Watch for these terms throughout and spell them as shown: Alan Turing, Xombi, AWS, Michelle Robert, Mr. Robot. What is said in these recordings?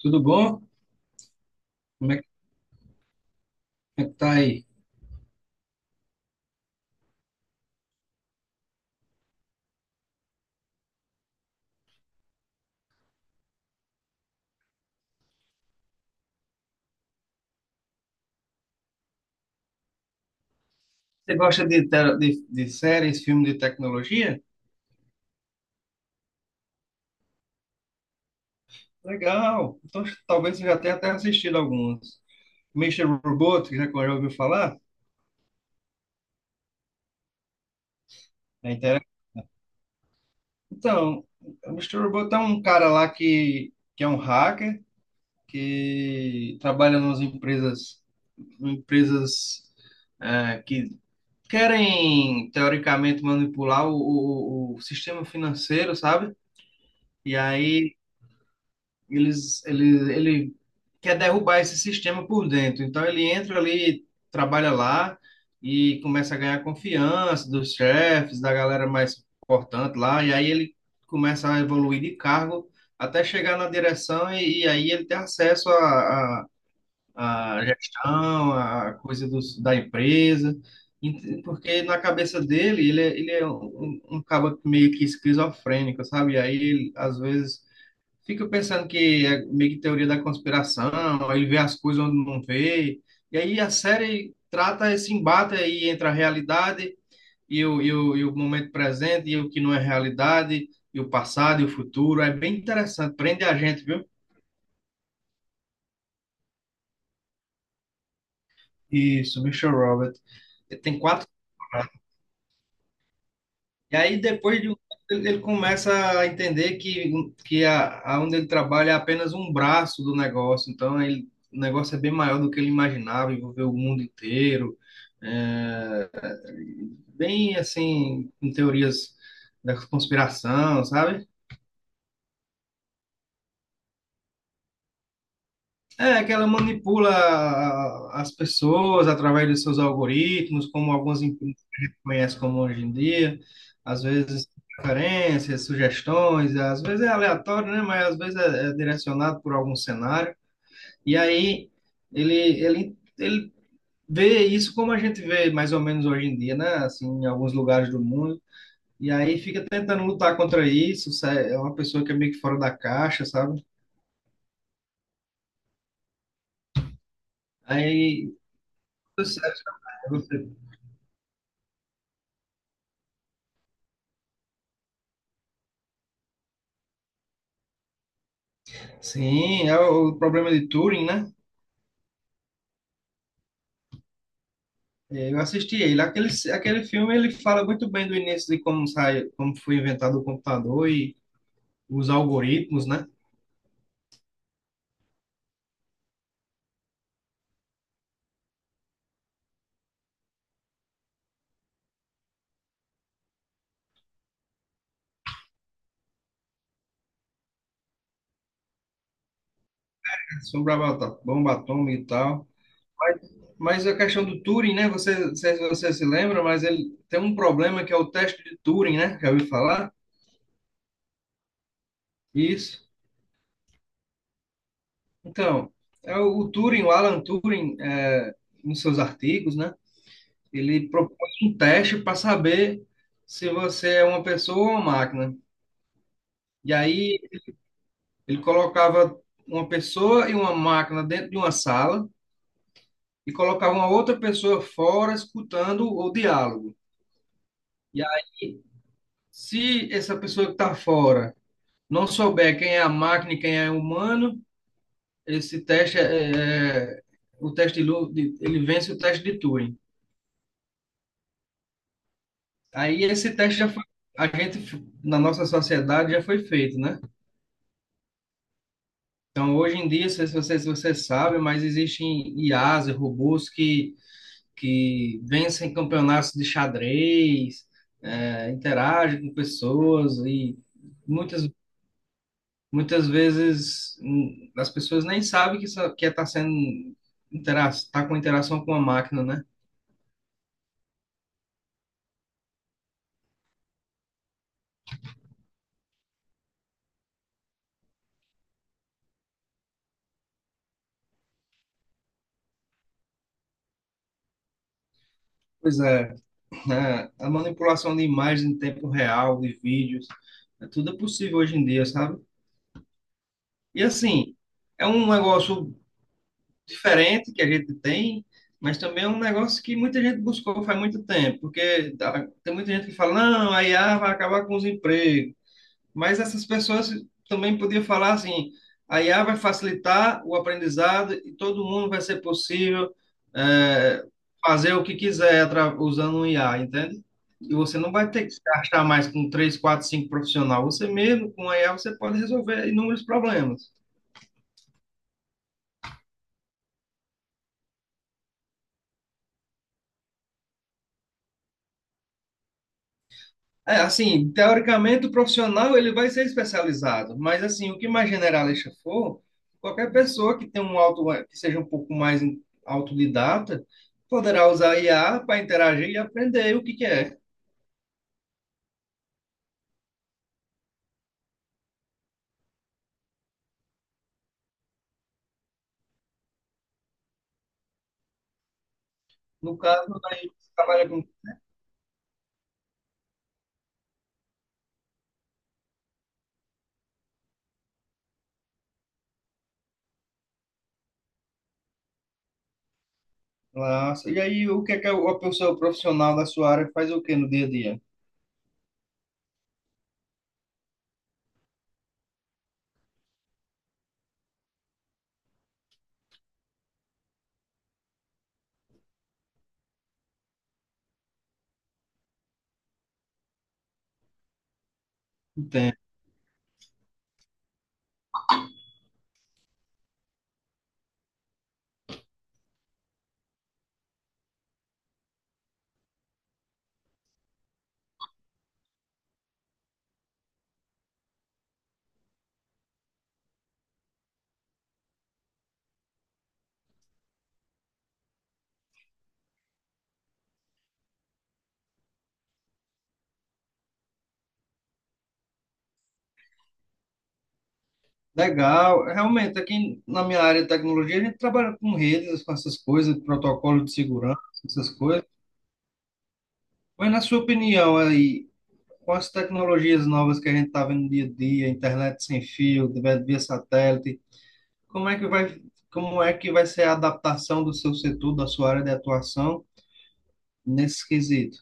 Tudo bom? Como é que, como é que tá aí? Você gosta de séries, filmes de tecnologia? Legal! Então talvez você já tenha até assistido alguns. Mister Robot, que já ouviu falar? É interessante. Então, o Mr. Robot é um cara lá que é um hacker, que trabalha nas empresas, que querem, teoricamente, manipular o sistema financeiro, sabe? E aí ele quer derrubar esse sistema por dentro. Então ele entra ali, trabalha lá e começa a ganhar confiança dos chefes, da galera mais importante lá, e aí ele começa a evoluir de cargo até chegar na direção e aí ele tem acesso à gestão, à coisa da empresa. Porque na cabeça dele, ele é um cabo meio que esquizofrênico, sabe? E aí, ele, às vezes, fico pensando que é meio que teoria da conspiração, ele vê as coisas onde não vê. E aí a série trata esse embate aí entre a realidade e o momento presente, e o que não é realidade, e o passado e o futuro. É bem interessante, prende a gente, viu? Isso, Michelle Robert. Tem quatro. E aí, depois de um tempo, ele começa a entender que a onde ele trabalha é apenas um braço do negócio. Então, ele, o negócio é bem maior do que ele imaginava, envolveu o mundo inteiro. É, bem, assim, com teorias da conspiração, sabe? É, que ela manipula as pessoas através dos seus algoritmos, como algumas empresas que a gente conhece como hoje em dia, às vezes preferências, sugestões, às vezes é aleatório, né? Mas às vezes é, é direcionado por algum cenário. E aí ele vê isso como a gente vê mais ou menos hoje em dia, né? Assim, em alguns lugares do mundo. E aí fica tentando lutar contra isso, é uma pessoa que é meio que fora da caixa, sabe? Aí, tudo certo, né? Você. Sim, é o problema de Turing, né? É, eu assisti ele. Aquele filme ele fala muito bem do início de como sai, como foi inventado o computador e os algoritmos, né? Sobre a bomba atômica e tal. Mas, mas, a questão do Turing, né? Você, não sei se você se lembra, mas ele tem um problema que é o teste de Turing, né? Já ouviu falar? Isso. Então, é o Turing, o Alan Turing, é, nos seus artigos, né? Ele propõe um teste para saber se você é uma pessoa ou uma máquina. E aí ele colocava uma pessoa e uma máquina dentro de uma sala e colocava uma outra pessoa fora escutando o diálogo. E aí, se essa pessoa que está fora não souber quem é a máquina e quem é o humano, esse teste é, o teste de ele vence o teste de Turing. Aí esse teste já foi, a gente na nossa sociedade já foi feito, né? Então hoje em dia, não se você, se você sabe, mas existem IAs, e robôs que vencem campeonatos de xadrez, é, interagem com pessoas e muitas, muitas vezes as pessoas nem sabem que está que é tá sendo intera tá com interação com a máquina, né? Pois é, né? A manipulação de imagens em tempo real, de vídeos, tudo é possível hoje em dia, sabe? E assim, é um negócio diferente que a gente tem, mas também é um negócio que muita gente buscou faz muito tempo, porque tem muita gente que fala, não, a IA vai acabar com os empregos. Mas essas pessoas também podiam falar assim, a IA vai facilitar o aprendizado e todo mundo vai ser possível é, fazer o que quiser usando um IA, entende? E você não vai ter que se gastar mais com três, quatro, cinco profissional. Você mesmo, com a IA, você pode resolver inúmeros problemas. É, assim, teoricamente o profissional ele vai ser especializado, mas assim, o que mais generalista for, qualquer pessoa que tenha um auto, que seja um pouco mais autodidata, poderá usar IA para interagir e aprender o que que é. No caso, daí você trabalha com classe. E aí, o que é que a pessoa profissional da sua área faz o que no dia a dia? Entende? Legal. Realmente, aqui na minha área de tecnologia, a gente trabalha com redes, com essas coisas, protocolo de segurança, essas coisas. Mas na sua opinião aí, com as tecnologias novas que a gente está vendo dia a dia, internet sem fio, via satélite, como é que vai, como é que vai ser a adaptação do seu setor, da sua área de atuação nesse quesito?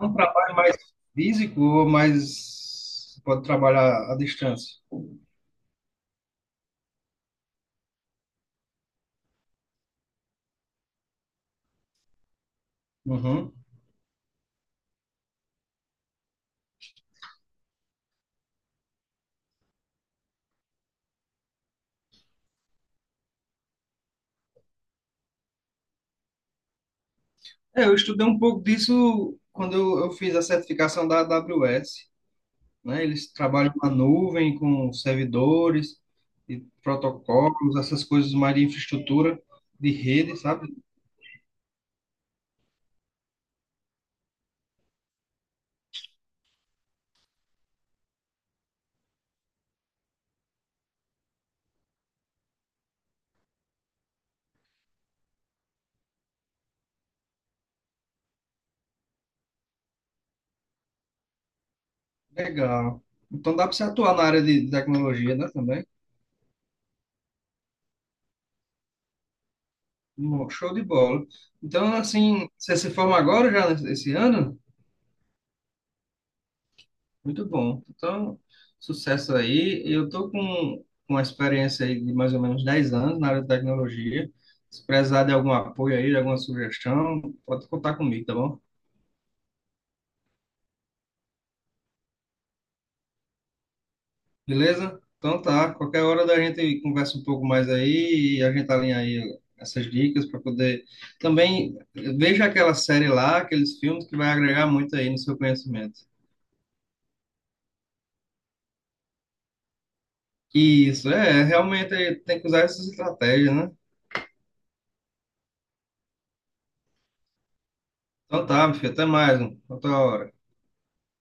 Um trabalho mais físico ou mais pode trabalhar à distância? Uhum. É, eu estudei um pouco disso quando eu fiz a certificação da AWS, né? Eles trabalham na nuvem com servidores e protocolos, essas coisas mais de infraestrutura de rede, sabe? Legal. Então dá para você atuar na área de tecnologia, né, também? Show de bola. Então, assim, você se forma agora já esse ano? Muito bom. Então, sucesso aí. Eu tô com uma experiência aí de mais ou menos 10 anos na área de tecnologia. Se precisar de algum apoio aí, de alguma sugestão, pode contar comigo, tá bom? Beleza? Então tá, qualquer hora da gente conversa um pouco mais aí e a gente alinha aí essas dicas para poder. Também veja aquela série lá, aqueles filmes que vai agregar muito aí no seu conhecimento. Isso, é, realmente tem que usar essas estratégias, né? Então tá, meu filho, até mais, mano. Até outra hora.